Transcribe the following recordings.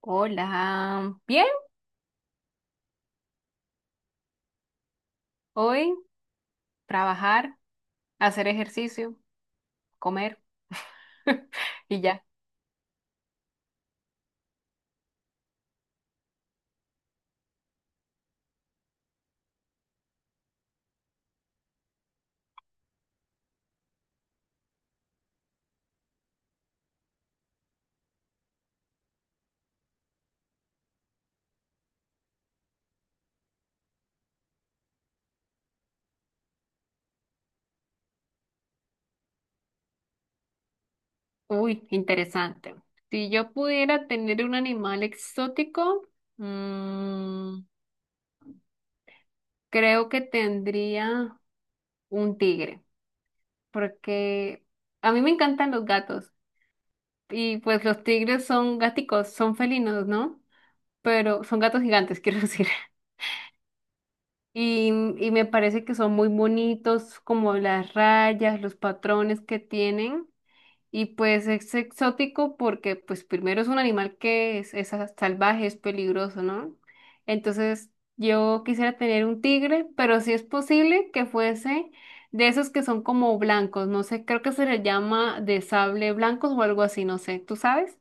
Hola, bien, hoy trabajar, hacer ejercicio, comer y ya. Uy, interesante. Si yo pudiera tener un animal exótico, mm, creo que tendría un tigre, porque a mí me encantan los gatos y pues los tigres son gáticos, son felinos, ¿no? Pero son gatos gigantes, quiero decir. Y, y me parece que son muy bonitos, como las rayas, los patrones que tienen. Y pues es exótico porque pues primero es un animal que es, salvaje, es peligroso, ¿no? Entonces yo quisiera tener un tigre, pero si es posible que fuese de esos que son como blancos, no sé, creo que se le llama de sable blancos o algo así, no sé, ¿tú sabes?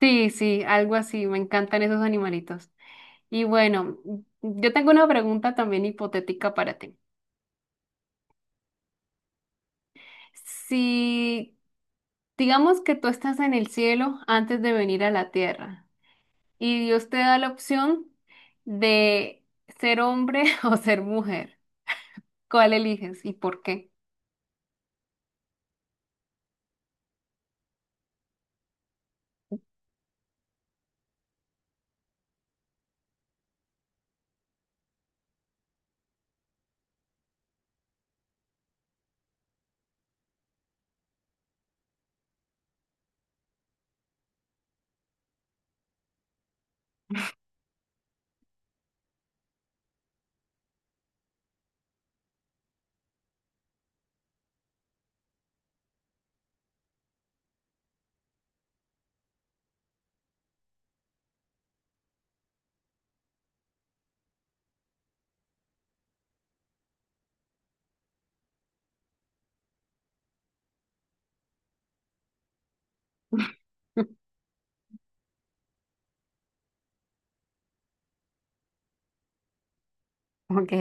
Sí, sí, algo así, me encantan esos animalitos. Y bueno, yo tengo una pregunta también hipotética para ti. Si digamos que tú estás en el cielo antes de venir a la tierra, y Dios te da la opción de ser hombre o ser mujer. ¿Cuál eliges y por qué? Ok,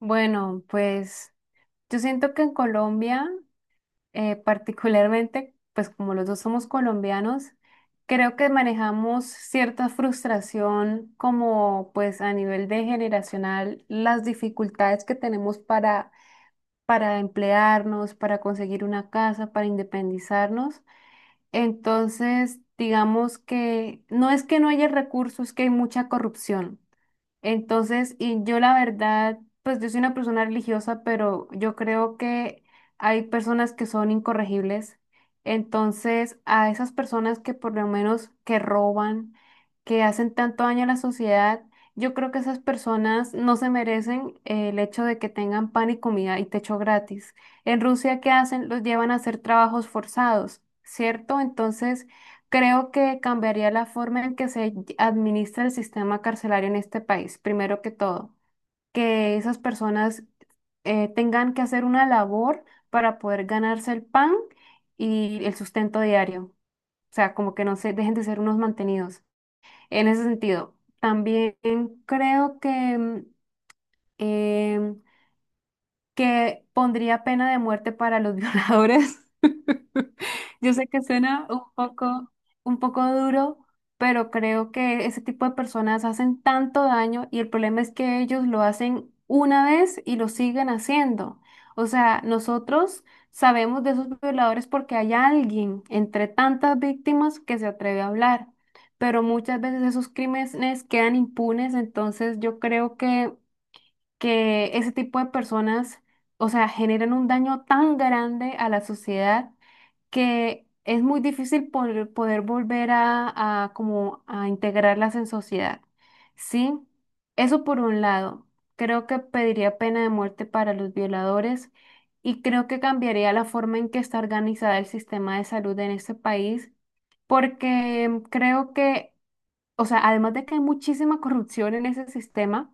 bueno, pues yo siento que en Colombia, particularmente, pues como los dos somos colombianos, creo que manejamos cierta frustración como pues a nivel de generacional, las dificultades que tenemos para emplearnos, para conseguir una casa, para independizarnos. Entonces, digamos que no es que no haya recursos, es que hay mucha corrupción. Entonces, y yo la verdad, pues yo soy una persona religiosa, pero yo creo que hay personas que son incorregibles. Entonces, a esas personas que por lo menos que roban, que hacen tanto daño a la sociedad, yo creo que esas personas no se merecen el hecho de que tengan pan y comida y techo gratis. En Rusia, ¿qué hacen? Los llevan a hacer trabajos forzados, ¿cierto? Entonces, creo que cambiaría la forma en que se administra el sistema carcelario en este país, primero que todo, que esas personas tengan que hacer una labor para poder ganarse el pan y el sustento diario, o sea, como que no se dejen de ser unos mantenidos. En ese sentido, también creo que mm, em, que pondría pena de muerte para los violadores. Yo sé que suena un poco duro, pero creo que ese tipo de personas hacen tanto daño y el problema es que ellos lo hacen una vez y lo siguen haciendo. O sea, nosotros sabemos de esos violadores porque hay alguien entre tantas víctimas que se atreve a hablar, pero muchas veces esos crímenes quedan impunes, entonces yo creo que ese tipo de personas, o sea, generan un daño tan grande a la sociedad que es muy difícil poder, poder volver a como a integrarlas en sociedad. ¿Sí? Eso por un lado. Creo que pediría pena de muerte para los violadores y creo que cambiaría la forma en que está organizada el sistema de salud en este país porque creo que, o sea, además de que hay muchísima corrupción en ese sistema,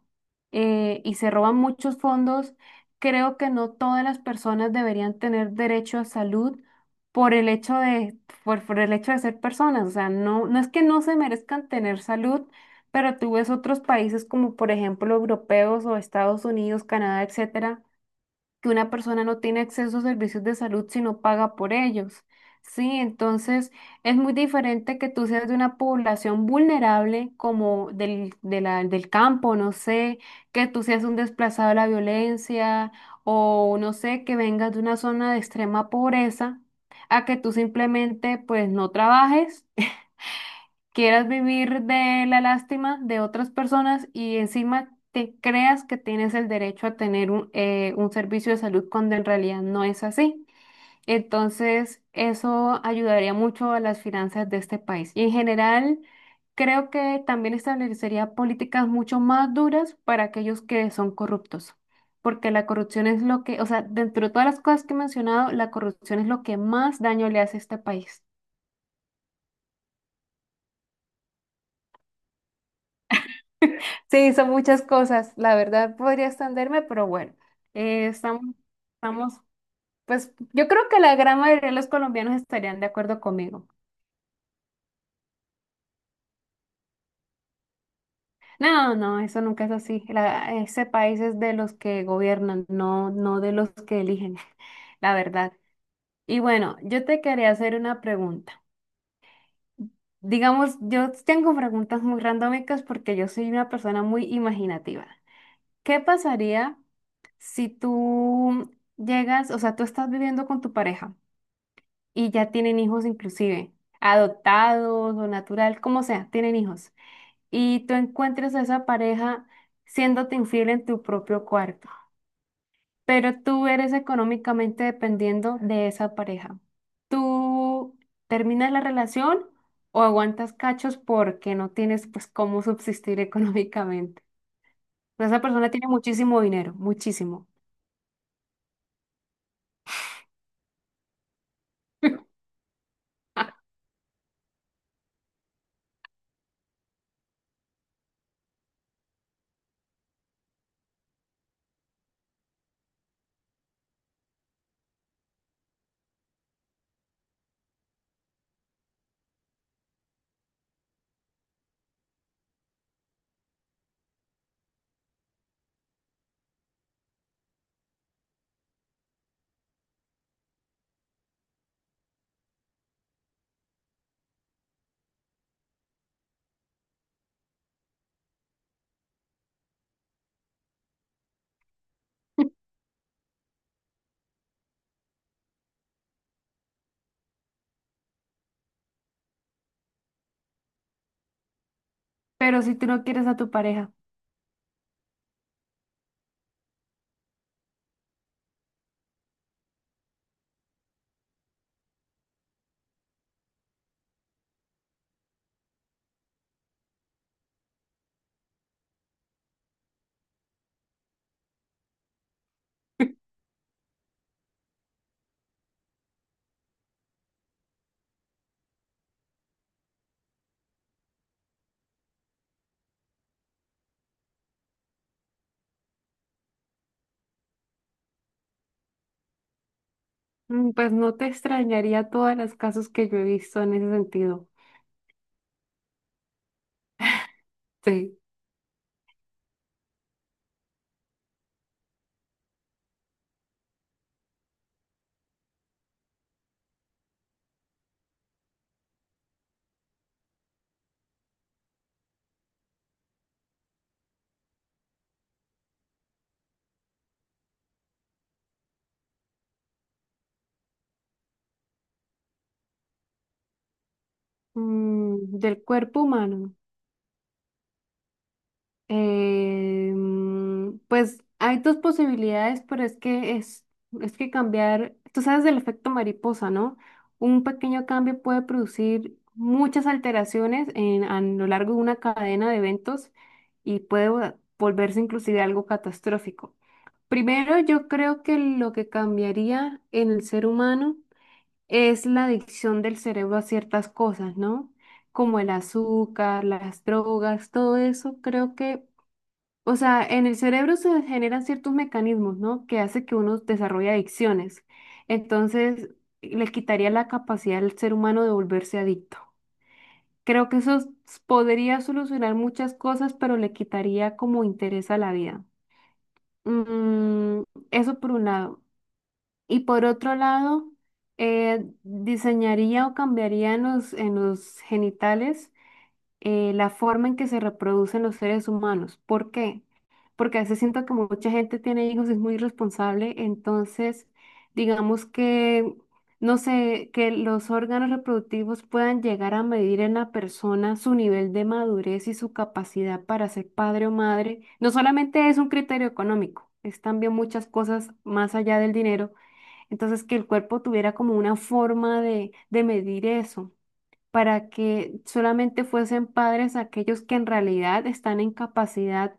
y se roban muchos fondos, creo que no todas las personas deberían tener derecho a salud por el hecho de, por el hecho de ser personas. O sea, no, no es que no se merezcan tener salud, pero tú ves otros países como por ejemplo europeos o Estados Unidos, Canadá, etcétera, que una persona no tiene acceso a servicios de salud si no paga por ellos. Sí, entonces es muy diferente que tú seas de una población vulnerable como de del campo, no sé, que tú seas un desplazado de la violencia o no sé, que vengas de una zona de extrema pobreza, a que tú simplemente pues no trabajes, quieras vivir de la lástima de otras personas y encima te creas que tienes el derecho a tener un servicio de salud cuando en realidad no es así. Entonces, eso ayudaría mucho a las finanzas de este país. Y en general, creo que también establecería políticas mucho más duras para aquellos que son corruptos. Porque la corrupción es lo que, o sea, dentro de todas las cosas que he mencionado, la corrupción es lo que más daño le hace a este país. Sí, son muchas cosas. La verdad podría extenderme, pero bueno, eh, estamos, estamos, pues yo creo que la gran mayoría de los colombianos estarían de acuerdo conmigo. No, no, eso nunca es así. Ese país es de los que gobiernan, no, no de los que eligen, la verdad. Y bueno, yo te quería hacer una pregunta. Digamos, yo tengo preguntas muy randómicas porque yo soy una persona muy imaginativa. ¿Qué pasaría si tú llegas, o sea, tú estás viviendo con tu pareja y ya tienen hijos inclusive, adoptados o natural, como sea, tienen hijos, y tú encuentres a esa pareja siéndote infiel en tu propio cuarto, pero tú eres económicamente dependiendo de esa pareja? ¿Tú terminas la relación o aguantas cachos porque no tienes pues cómo subsistir económicamente? Esa persona tiene muchísimo dinero, muchísimo. Pero si tú no quieres a tu pareja, mm, pues no te extrañaría todas las casos que yo he visto en ese sentido. Sí. Mm, del cuerpo humano. Pues hay dos posibilidades, pero es que cambiar, tú sabes del efecto mariposa, ¿no? Un pequeño cambio puede producir muchas alteraciones en, a lo largo de una cadena de eventos y puede volverse inclusive algo catastrófico. Primero, yo creo que lo que cambiaría en el ser humano es la adicción del cerebro a ciertas cosas, ¿no? Como el azúcar, las drogas, todo eso, creo que, o sea, en el cerebro se generan ciertos mecanismos, ¿no? Que hace que uno desarrolle adicciones. Entonces, le quitaría la capacidad al ser humano de volverse adicto. Creo que podría solucionar muchas cosas, pero le quitaría como interés a la vida. Mm, eso por un lado. Y por otro lado, diseñaría o cambiaría en los genitales, la forma en que se reproducen los seres humanos. ¿Por qué? Porque a veces siento que mucha gente tiene hijos y es muy irresponsable, entonces digamos que, no sé, que los órganos reproductivos puedan llegar a medir en la persona su nivel de madurez y su capacidad para ser padre o madre. No solamente es un criterio económico, es también muchas cosas más allá del dinero, entonces, que el cuerpo tuviera como una forma de medir eso, para que solamente fuesen padres aquellos que en realidad están en capacidad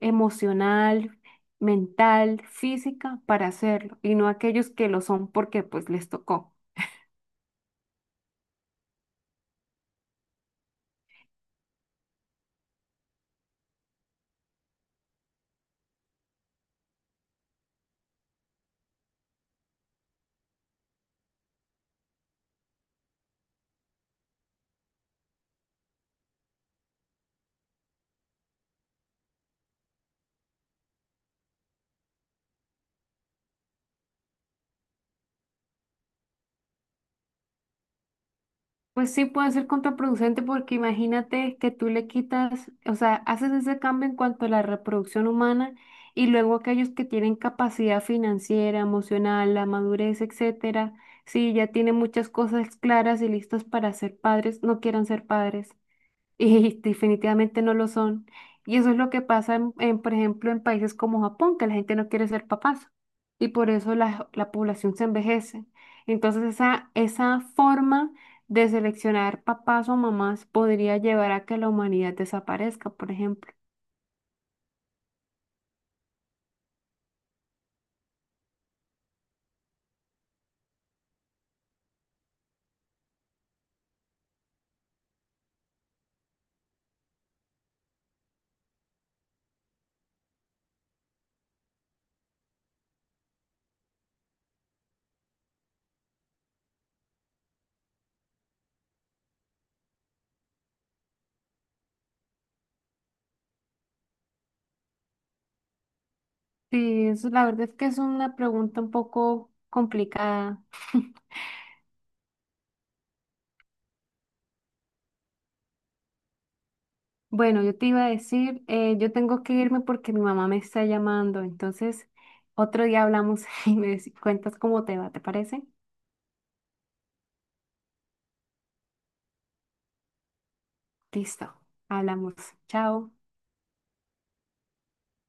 emocional, mental, física para hacerlo, y no aquellos que lo son porque pues les tocó. Pues sí, puede ser contraproducente porque imagínate que tú le quitas, o sea, haces ese cambio en cuanto a la reproducción humana y luego aquellos que tienen capacidad financiera, emocional, la madurez, etcétera, si ya tienen muchas cosas claras y listas para ser padres, no quieran ser padres. Y definitivamente no lo son. Y eso es lo que pasa, por ejemplo, en países como Japón, que la gente no quiere ser papás. Y por eso la población se envejece. Entonces esa forma de seleccionar papás o mamás podría llevar a que la humanidad desaparezca, por ejemplo. Sí, eso, la verdad es que es una pregunta un poco complicada. Bueno, yo te iba a decir, yo tengo que irme porque mi mamá me está llamando, entonces otro día hablamos y me cuentas cómo te va, ¿te parece? Listo, hablamos. Chao.